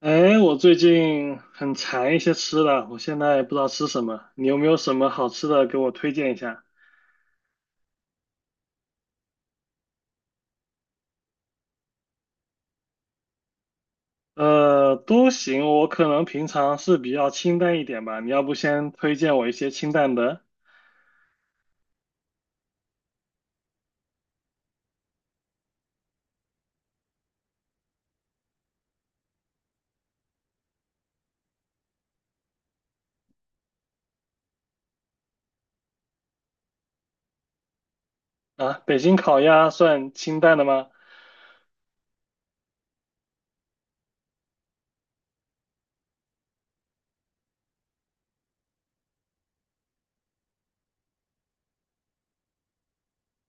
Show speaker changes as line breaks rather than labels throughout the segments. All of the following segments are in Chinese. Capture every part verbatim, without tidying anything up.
哎，我最近很馋一些吃的，我现在不知道吃什么，你有没有什么好吃的给我推荐一下？呃，都行，我可能平常是比较清淡一点吧，你要不先推荐我一些清淡的。啊？北京烤鸭算清淡的吗？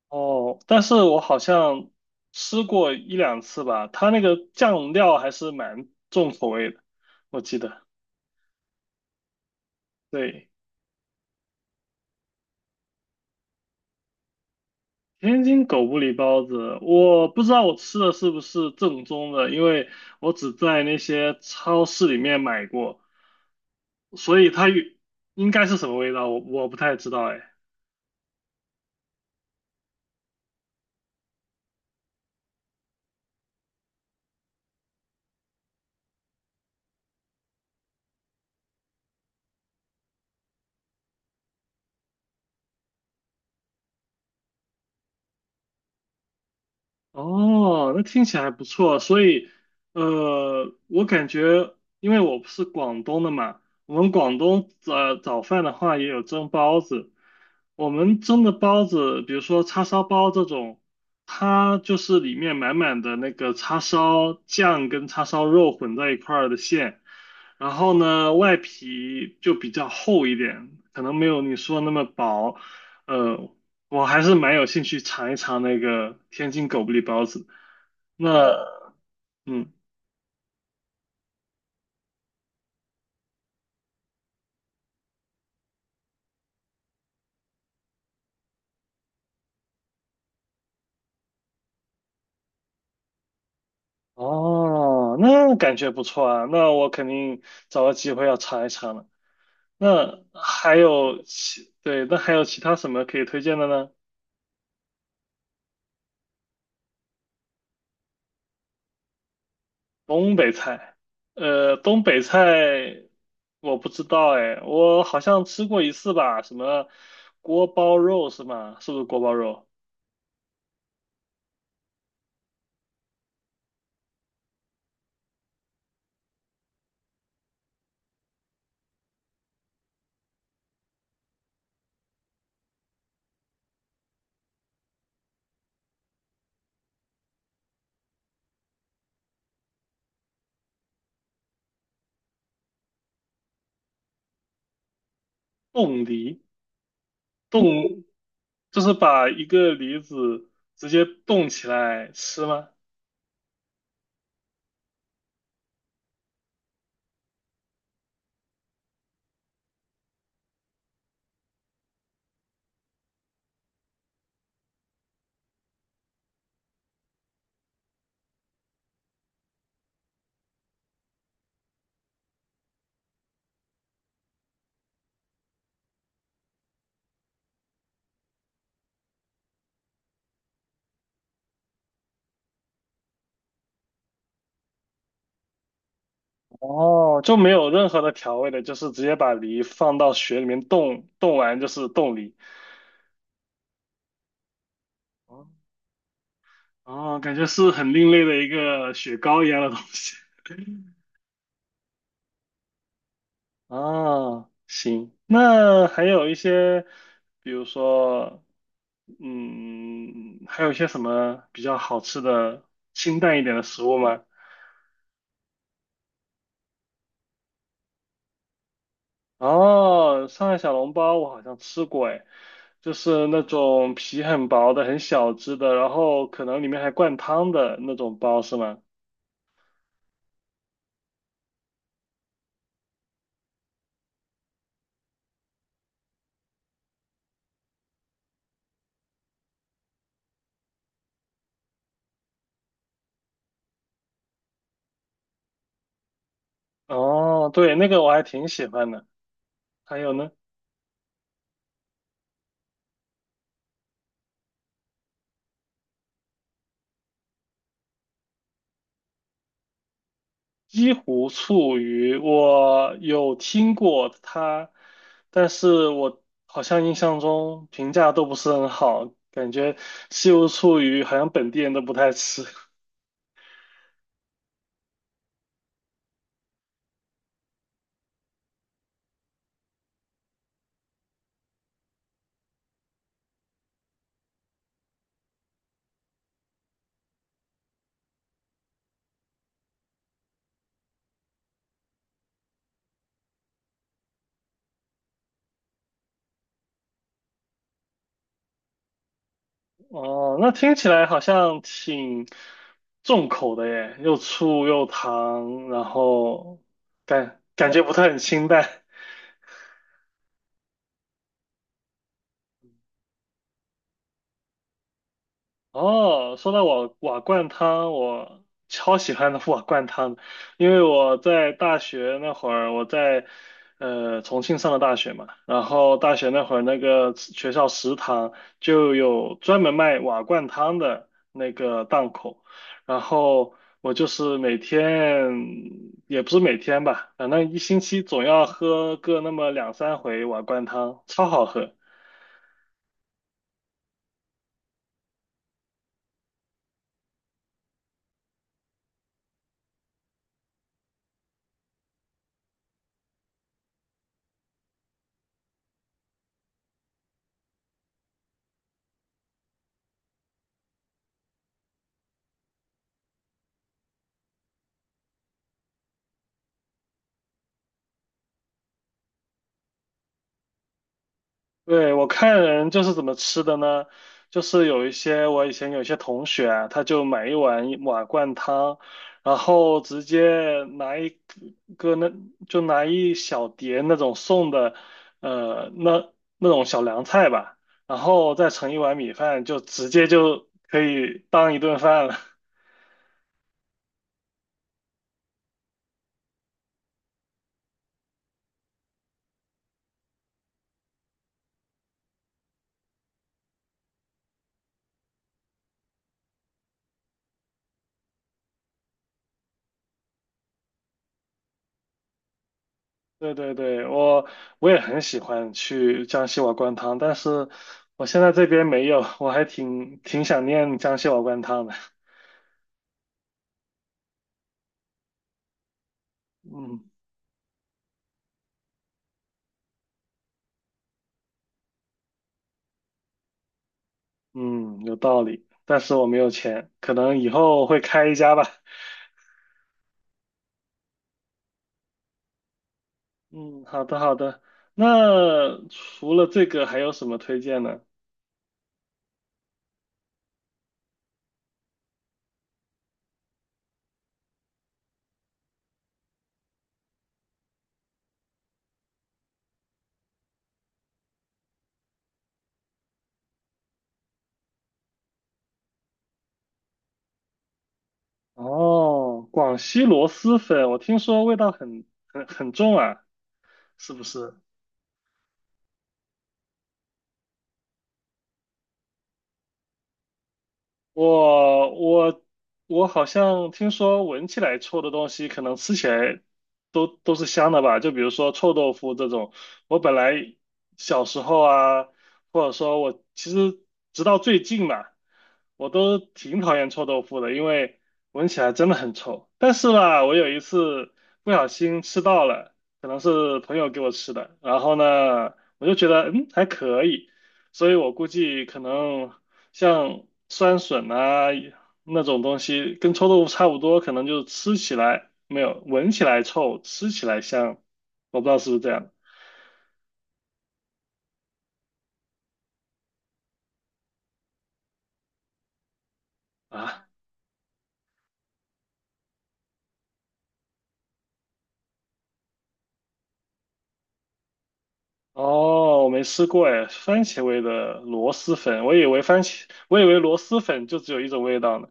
哦，但是我好像吃过一两次吧，它那个酱料还是蛮重口味的，我记得，对。天津狗不理包子，我不知道我吃的是不是正宗的，因为我只在那些超市里面买过，所以它与应该是什么味道，我我不太知道哎。哦，那听起来不错。所以，呃，我感觉，因为我不是广东的嘛，我们广东早早饭的话也有蒸包子。我们蒸的包子，比如说叉烧包这种，它就是里面满满的那个叉烧酱跟叉烧肉混在一块儿的馅，然后呢，外皮就比较厚一点，可能没有你说那么薄。呃，我还是蛮有兴趣尝一尝那个天津狗不理包子。那，嗯，哦，那感觉不错啊。那我肯定找个机会要尝一尝了。那还有其，对，那还有其他什么可以推荐的呢？东北菜，呃，东北菜我不知道哎，我好像吃过一次吧，什么锅包肉是吗？是不是锅包肉？冻梨？冻，就是把一个梨子直接冻起来吃吗？哦，就没有任何的调味的，就是直接把梨放到雪里面冻，冻完就是冻梨。哦，哦，感觉是很另类的一个雪糕一样的东西。哦，行，那还有一些，比如说，嗯，还有一些什么比较好吃的清淡一点的食物吗？哦，上海小笼包我好像吃过，哎，就是那种皮很薄的、很小只的，然后可能里面还灌汤的那种包，是吗？哦，对，那个我还挺喜欢的。还有呢，西湖醋鱼，我有听过它，但是我好像印象中评价都不是很好，感觉西湖醋鱼好像本地人都不太吃。哦，那听起来好像挺重口的耶，又醋又糖，然后感感觉不太很清淡。哦，说到瓦瓦罐汤，我超喜欢的瓦罐汤的，因为我在大学那会儿，我在呃重庆上的大学嘛，然后大学那会儿那个学校食堂就有专门卖瓦罐汤的那个档口，然后我就是每天也不是每天吧，反正一星期总要喝个那么两三回瓦罐汤，超好喝。对，我看人就是怎么吃的呢？就是有一些我以前有一些同学啊，他就买一碗一瓦罐汤，然后直接拿一个那就拿一小碟那种送的，呃，那那种小凉菜吧，然后再盛一碗米饭，就直接就可以当一顿饭了。对对对，我我也很喜欢去江西瓦罐汤，但是我现在这边没有，我还挺挺想念江西瓦罐汤的。嗯嗯，有道理，但是我没有钱，可能以后会开一家吧。嗯，好的好的。那除了这个还有什么推荐呢？哦，广西螺蛳粉，我听说味道很很很重啊，是不是？我我我好像听说闻起来臭的东西，可能吃起来都都是香的吧？就比如说臭豆腐这种，我本来小时候啊，或者说我其实直到最近吧，我都挺讨厌臭豆腐的，因为闻起来真的很臭。但是吧，我有一次不小心吃到了，可能是朋友给我吃的，然后呢，我就觉得嗯还可以。所以我估计可能像酸笋啊那种东西，跟臭豆腐差不多，可能就是吃起来没有，闻起来臭，吃起来香。我不知道是不是这样啊？哦，我没吃过哎，番茄味的螺蛳粉，我以为番茄，我以为螺蛳粉就只有一种味道呢。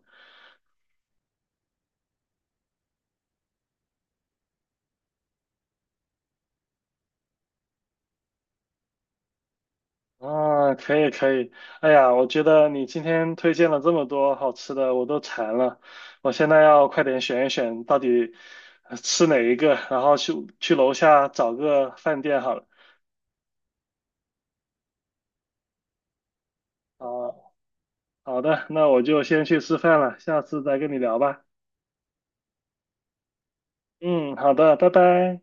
啊，可以可以，哎呀，我觉得你今天推荐了这么多好吃的，我都馋了，我现在要快点选一选到底呃吃哪一个，然后去去楼下找个饭店好了。好好的，那我就先去吃饭了，下次再跟你聊吧。嗯，好的，拜拜。